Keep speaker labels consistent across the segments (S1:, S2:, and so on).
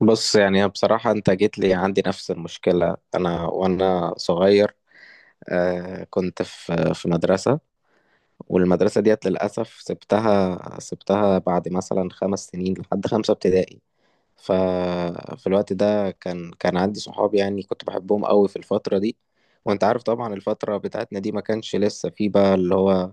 S1: بص، يعني بصراحة أنت جيت لي، عندي نفس المشكلة أنا وأنا صغير. كنت في مدرسة، والمدرسة ديت للأسف سبتها بعد مثلا خمس سنين، لحد خمسة ابتدائي. ففي الوقت ده كان عندي صحاب، يعني كنت بحبهم قوي في الفترة دي. وأنت عارف طبعا الفترة بتاعتنا دي ما كانش لسه في بقى اللي هو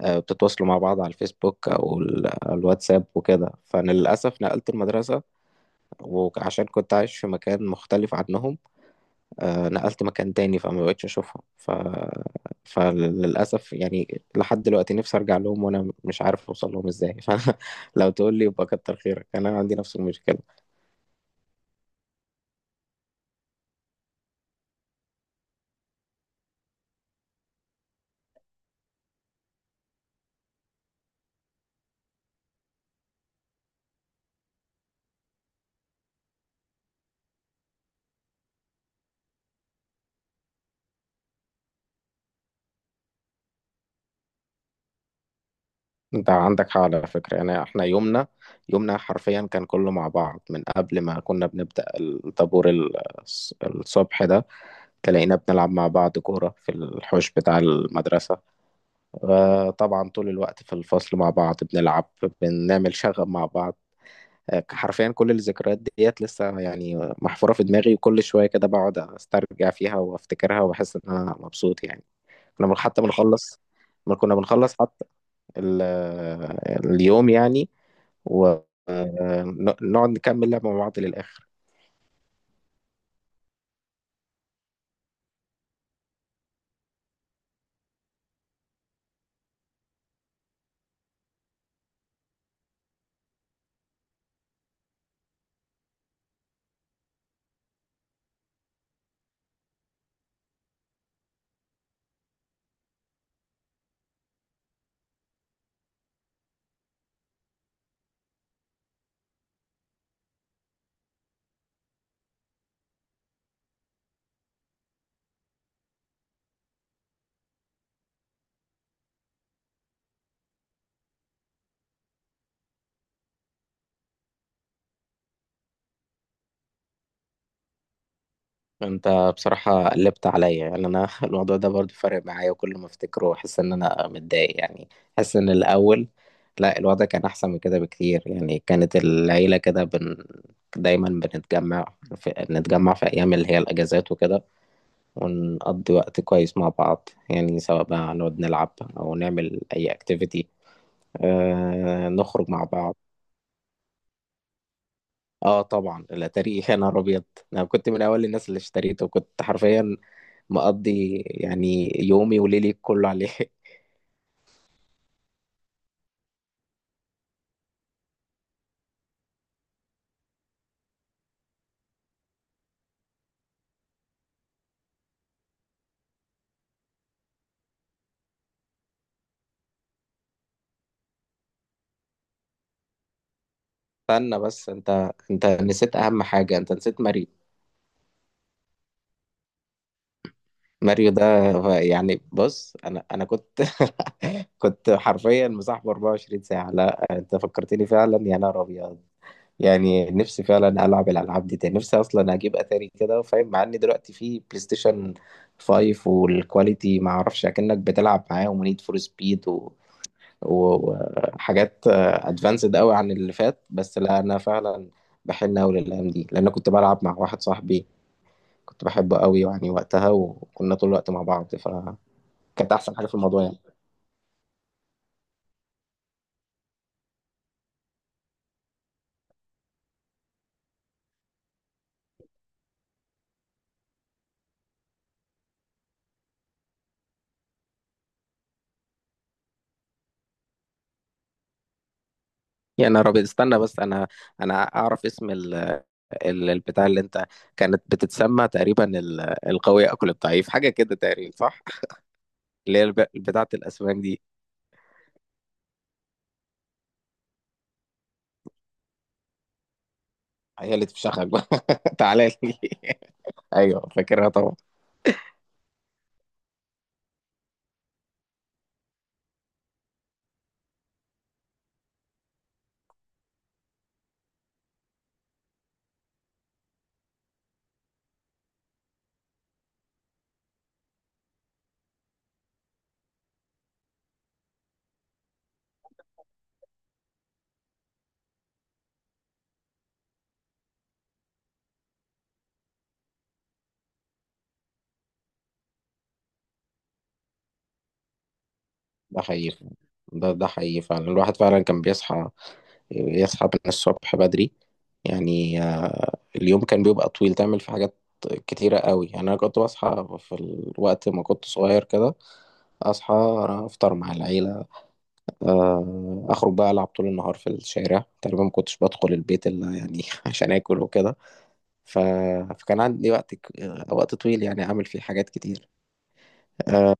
S1: بتتواصلوا مع بعض على الفيسبوك أو الواتساب وكده. فأنا للأسف نقلت المدرسة، وعشان كنت عايش في مكان مختلف عنهم، نقلت مكان تاني، فما بقتش اشوفهم فللاسف يعني لحد دلوقتي نفسي ارجع لهم وانا مش عارف اوصل لهم ازاي. فلو تقول لي يبقى كتر خيرك، انا عندي نفس المشكله. انت عندك حق على فكره. يعني احنا يومنا، يومنا حرفيا كان كله مع بعض. من قبل ما كنا بنبدا الطابور الصبح ده تلاقينا بنلعب مع بعض كوره في الحوش بتاع المدرسه. طبعا طول الوقت في الفصل مع بعض بنلعب، بنعمل شغب مع بعض. حرفيا كل الذكريات ديت لسه يعني محفورة في دماغي، وكل شوية كده بقعد استرجع فيها وافتكرها وبحس ان انا مبسوط يعني. كنا بن- حتى بنخلص ما كنا بنخلص حتى ال- اليوم يعني، ونقعد نكمل لعبة مع بعض للآخر. انت بصراحة قلبت عليا، يعني الموضوع ده برضو فارق معايا، وكل ما افتكره احس ان انا متضايق يعني. احس ان الاول، لا، الوضع كان احسن من كده بكتير. يعني كانت العيلة كده دايما بنتجمع نتجمع في ايام اللي هي الاجازات وكده، ونقضي وقت كويس مع بعض يعني، سواء بقى نقعد نلعب او نعمل اي اكتيفيتي، نخرج مع بعض. اه طبعا الاتاري، يا نهار ابيض! انا كنت من اول الناس اللي اشتريته، وكنت حرفيا مقضي يعني يومي وليلي كله عليه. استنى بس، انت نسيت اهم حاجة، انت نسيت ماريو. ماريو ده، يعني بص، انا كنت كنت حرفيا مصاحبه 24 ساعة. لا انت فكرتني فعلا، يا نهار ابيض! يعني نفسي فعلا العب الالعاب دي تاني. نفسي اصلا اجيب اتاري كده فاهم، مع ان دلوقتي في بلاي ستيشن 5 والكواليتي ما اعرفش اكنك بتلعب معاهم، ونيد فور سبيد وحاجات ادفانسد قوي عن اللي فات. بس لا، انا فعلا بحن قوي للايام دي، لان أنا كنت بلعب مع واحد صاحبي كنت بحبه قوي يعني وقتها، وكنا طول الوقت مع بعض، فكانت احسن حاجه في الموضوع يعني. يعني انا رابط، استنى بس، انا انا اعرف اسم البتاع اللي انت، كانت بتتسمى تقريبا القوي اكل الضعيف، حاجه كده تقريبا، صح؟ اللي هي بتاعه الاسماك دي. هي اللي تفشخك بقى. تعالى لي. ايوه فاكرها طبعا. ده حقيقي فعلا. ده حقيقي فعلا، الواحد فعلا كان بيصحى، يصحى من الصبح بدري. يعني اليوم كان بيبقى طويل، تعمل فيه حاجات كتيرة قوي يعني. أنا كنت بصحى في الوقت ما كنت صغير كده، أصحى، أفطر مع العيلة، أخرج بقى ألعب طول النهار في الشارع، تقريبا ما كنتش بدخل البيت إلا يعني عشان آكل وكده. ف... فكان عندي وقت وقت طويل يعني أعمل فيه حاجات كتير. آه،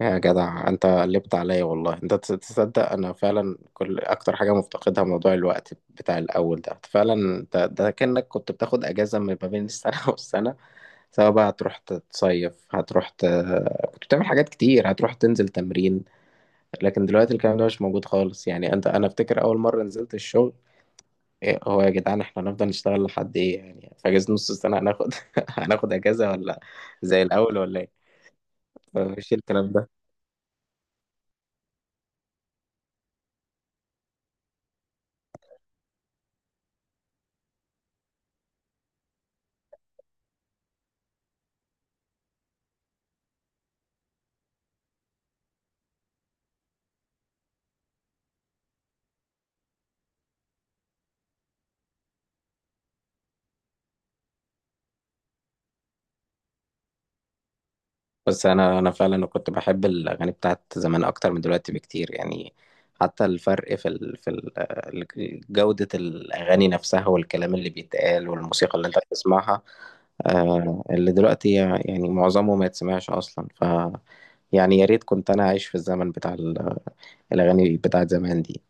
S1: يا جدع انت قلبت عليا والله! انت تصدق انا فعلا كل اكتر حاجه مفتقدها موضوع الوقت بتاع الاول ده. فعلا انت ده كانك كنت بتاخد اجازه ما بين السنه والسنه، سواء بقى هتروح تصيف، كنت بتعمل حاجات كتير، هتروح تنزل تمرين. لكن دلوقتي الكلام ده مش موجود خالص. يعني انا افتكر اول مره نزلت الشغل، إيه هو يا جدعان؟ احنا هنفضل نشتغل لحد ايه يعني؟ في اجازه نص السنه هناخد هناخد اجازه ولا زي الاول ولا ايه؟ مفيش الكلام ده. بس انا انا فعلا كنت بحب الاغاني بتاعت زمان اكتر من دلوقتي بكتير يعني. حتى الفرق في جودة الاغاني نفسها، والكلام اللي بيتقال، والموسيقى اللي انت بتسمعها. آه، اللي دلوقتي يعني معظمه ما يتسمعش اصلا. ف يعني يا ريت كنت انا عايش في الزمن بتاع الاغاني بتاعت زمان دي.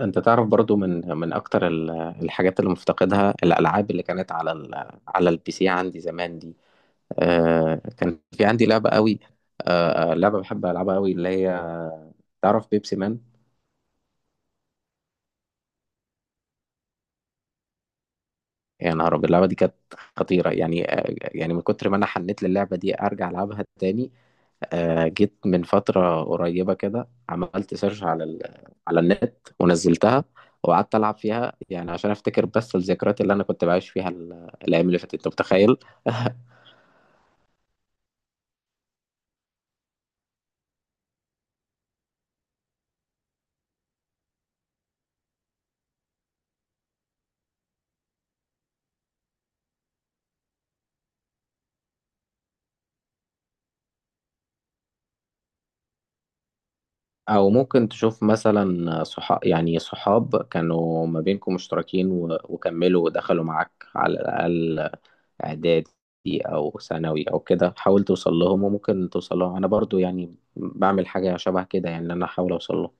S1: انت تعرف برضو، من اكتر الحاجات اللي مفتقدها، الالعاب اللي كانت على على البي سي عندي زمان دي. آه كان في عندي لعبة قوي، لعبة بحب ألعبها قوي، اللي هي تعرف بيبسي مان؟ يا نهار أبيض، اللعبة دي كانت خطيرة يعني. آه، يعني من كتر ما أنا حنيت للعبة دي أرجع ألعبها تاني، آه جيت من فترة قريبة كده، عملت سيرش على على النت ونزلتها، وقعدت ألعب فيها يعني عشان أفتكر بس الذكريات اللي أنا كنت بعيش فيها الأيام اللي فاتت. أنت متخيل؟ او ممكن تشوف مثلا صحاب، يعني صحاب كانوا ما بينكم مشتركين وكملوا ودخلوا معاك على الاقل اعدادي او ثانوي او كده، حاول توصل لهم وممكن توصل لهم. انا برضو يعني بعمل حاجه شبه كده، يعني ان انا احاول اوصل لهم.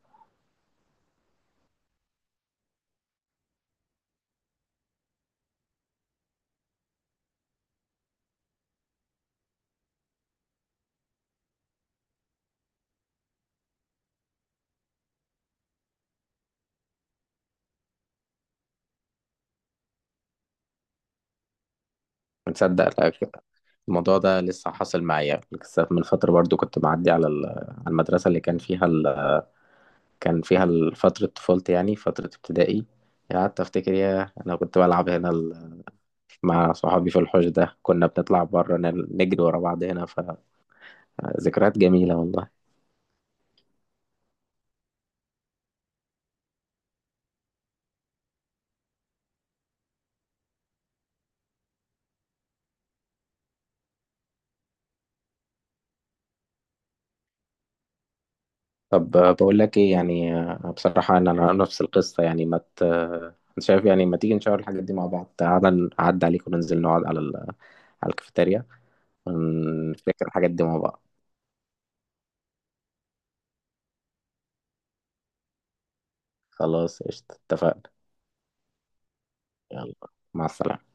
S1: متصدق، لا، الموضوع ده لسه حاصل معايا. لسه من فتره برضو كنت معدي على على المدرسه اللي كان فيها كان فيها فتره طفولتي، يعني فتره ابتدائي. قعدت افتكر، يا انا كنت بلعب هنا مع صحابي في الحوش ده، كنا بنطلع بره نجري ورا بعض هنا. فذكريات جميلة والله. طب بقول لك ايه، يعني بصراحة انا، أنا نفس القصة يعني. ما ت... آه، أنت شايف يعني، ما تيجي نشاور الحاجات دي مع بعض؟ تعالى اعدي عليك وننزل نقعد على على الكافيتيريا، ونفتكر الحاجات دي مع بعض. خلاص قشطة، اتفقنا. يلا، مع السلامة.